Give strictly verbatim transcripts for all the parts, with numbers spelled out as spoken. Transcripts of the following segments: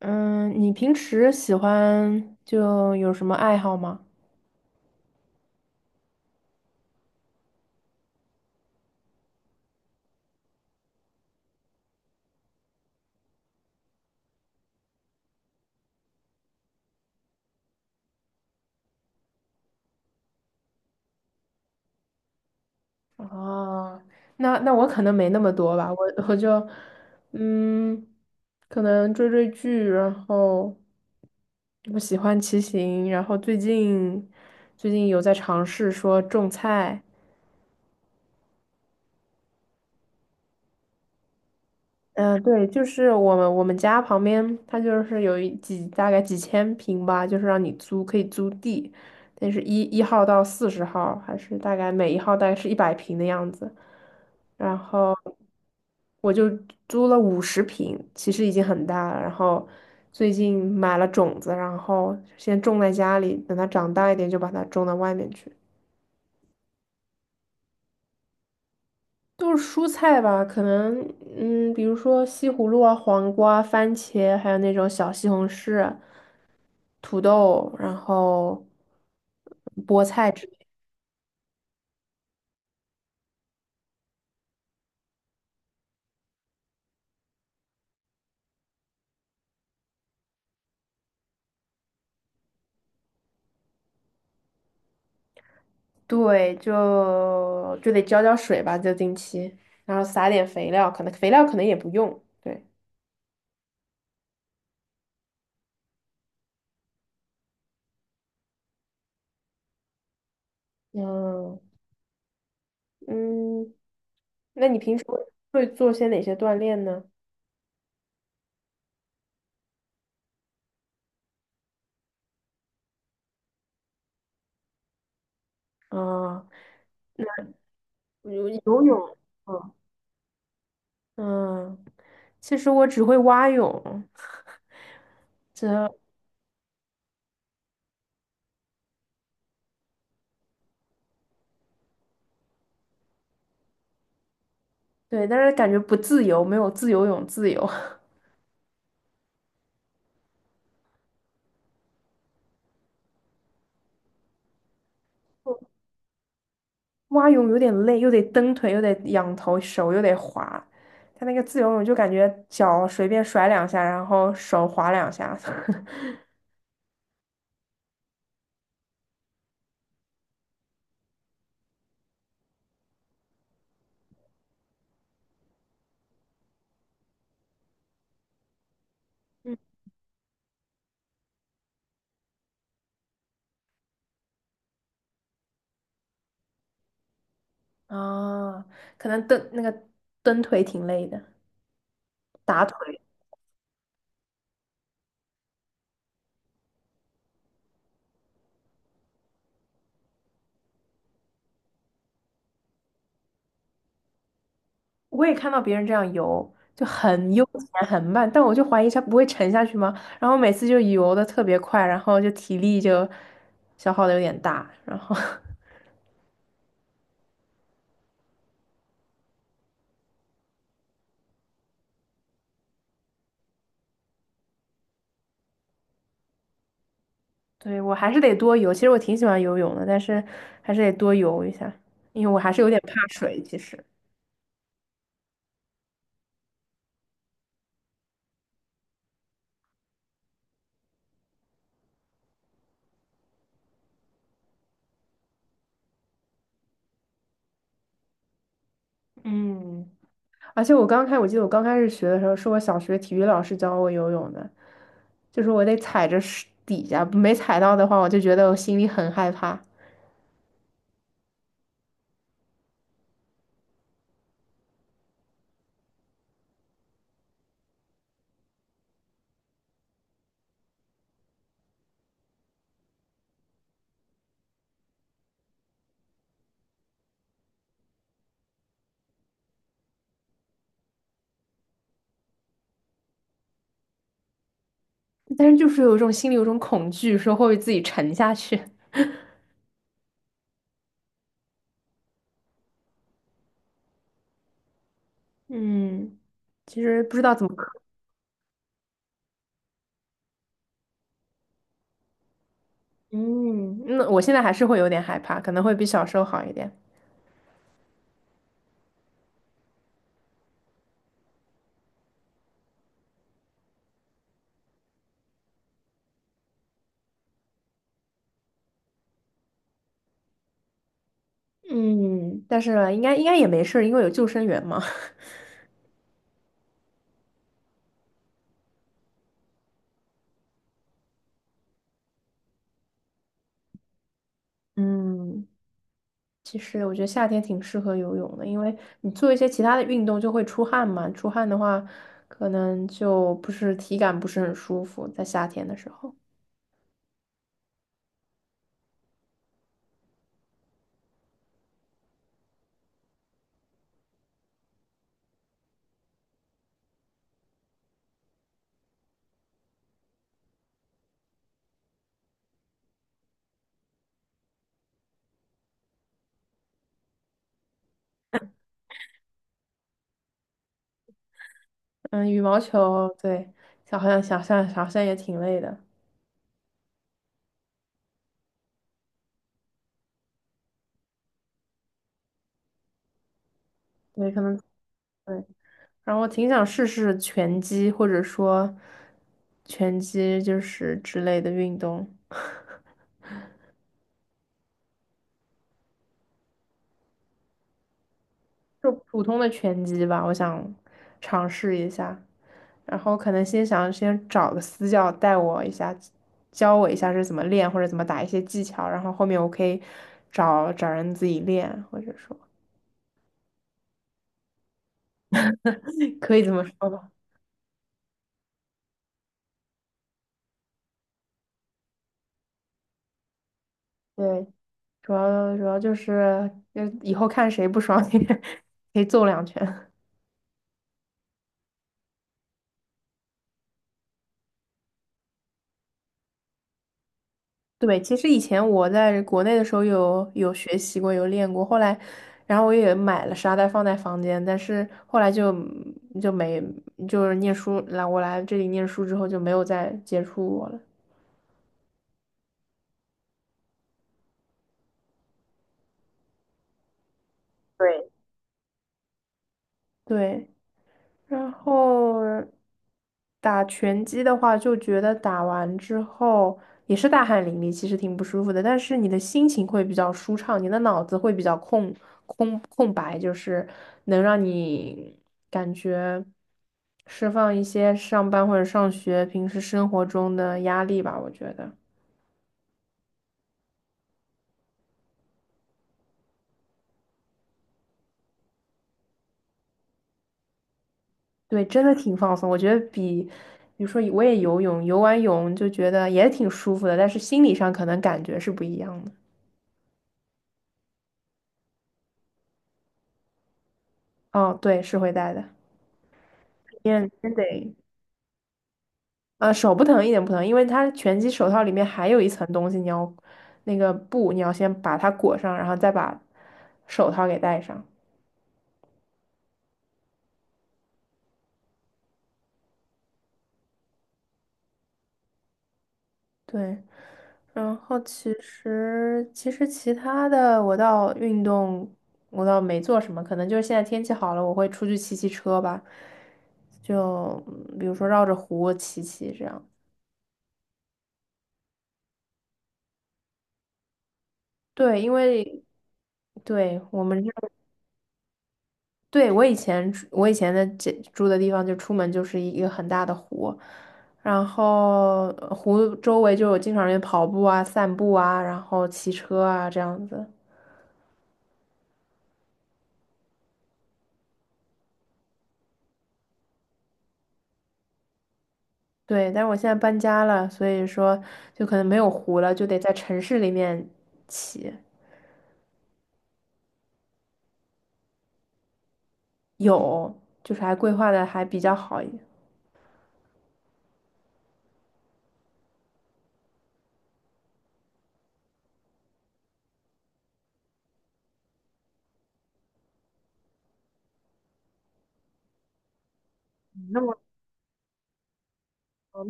嗯，你平时喜欢就有什么爱好吗？哦，那那我可能没那么多吧，我我就嗯，可能追追剧，然后我喜欢骑行，然后最近最近有在尝试说种菜。嗯、呃对，就是我们我们家旁边，它就是有一几大概几千平吧，就是让你租，可以租地，但是一一号到四十号，还是大概每一号大概是一百平的样子。然后我就租了五十平，其实已经很大了。然后最近买了种子，然后先种在家里，等它长大一点就把它种到外面去。都是蔬菜吧，可能嗯，比如说西葫芦啊、黄瓜啊、番茄，还有那种小西红柿、土豆，然后菠菜之类的。对，就就得浇浇水吧，就定期，然后撒点肥料，可能肥料可能也不用。对。嗯嗯，那你平时会做些哪些锻炼呢？啊，游游泳。嗯嗯，其实我只会蛙泳，这。对，但是感觉不自由，没有自由泳自由。蛙泳有点累，又得蹬腿，又得仰头，手又得滑。他那个自由泳就感觉脚随便甩两下，然后手滑两下。嗯，啊，可能蹬那个蹬腿挺累的，打腿。我也看到别人这样游，就很悠闲很慢，但我就怀疑他不会沉下去吗？然后每次就游的特别快，然后就体力就消耗的有点大，然后 对，我还是得多游。其实我挺喜欢游泳的，但是还是得多游一下，因为我还是有点怕水。其实，嗯，而且我刚开，我记得我刚开始学的时候，是我小学体育老师教我游泳的，就是我得踩着水底下，没踩到的话，我就觉得我心里很害怕。但是就是有一种心里有一种恐惧，说会不会自己沉下去。嗯，其实不知道怎么克。嗯，那我现在还是会有点害怕，可能会比小时候好一点。嗯，但是应该应该也没事儿，因为有救生员嘛。嗯，其实我觉得夏天挺适合游泳的，因为你做一些其他的运动就会出汗嘛，出汗的话，可能就不是体感不是很舒服，在夏天的时候。嗯，羽毛球，对，好像想象好像也挺累的。对，可能对。然后我挺想试试拳击，或者说拳击就是之类的运动。就普通的拳击吧，我想尝试一下，然后可能先想先找个私教带我一下，教我一下是怎么练或者怎么打一些技巧，然后后面我可以找找人自己练，或者说 可以这么说吧。对，主要主要就是就以后看谁不爽 可以揍两拳。对，其实以前我在国内的时候有有学习过，有练过，后来，然后我也买了沙袋放在房间，但是后来就就没就是念书来我来这里念书之后就没有再接触过了。对。对。然后打拳击的话，就觉得打完之后也是大汗淋漓，其实挺不舒服的，但是你的心情会比较舒畅，你的脑子会比较空空空白，就是能让你感觉释放一些上班或者上学平时生活中的压力吧，我觉得。对，真的挺放松。我觉得比，比如说我也游泳，游完泳就觉得也挺舒服的，但是心理上可能感觉是不一样的。哦，对，是会带的。天真得，呃，手不疼一点不疼，因为它拳击手套里面还有一层东西，你要那个布，你要先把它裹上，然后再把手套给戴上。对，然后其实其实其他的我倒运动我倒没做什么，可能就是现在天气好了，我会出去骑骑车吧，就嗯比如说绕着湖骑骑这样。对，因为对我们这。对，我以前住我以前的这住的地方，就出门就是一个很大的湖，然后呃湖周围就有经常人跑步啊、散步啊，然后骑车啊这样子。对，但是我现在搬家了，所以说就可能没有湖了，就得在城市里面骑。有，就是还规划的还比较好一点。那我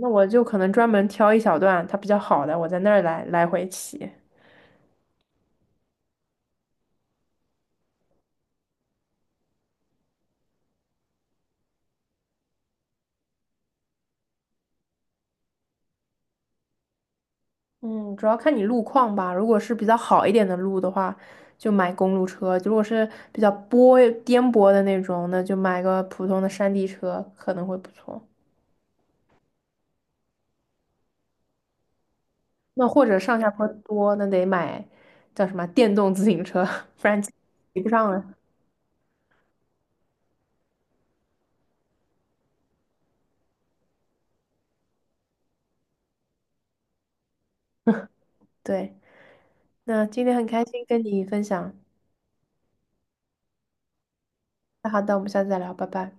那我就可能专门挑一小段它比较好的，我在那儿来来回骑。嗯，主要看你路况吧。如果是比较好一点的路的话，就买公路车；如果是比较波颠簸的那种，那就买个普通的山地车可能会不错。那或者上下坡多，那得买叫什么电动自行车，不然骑不上了。对，那今天很开心跟你分享。那好的，我们下次再聊，拜拜。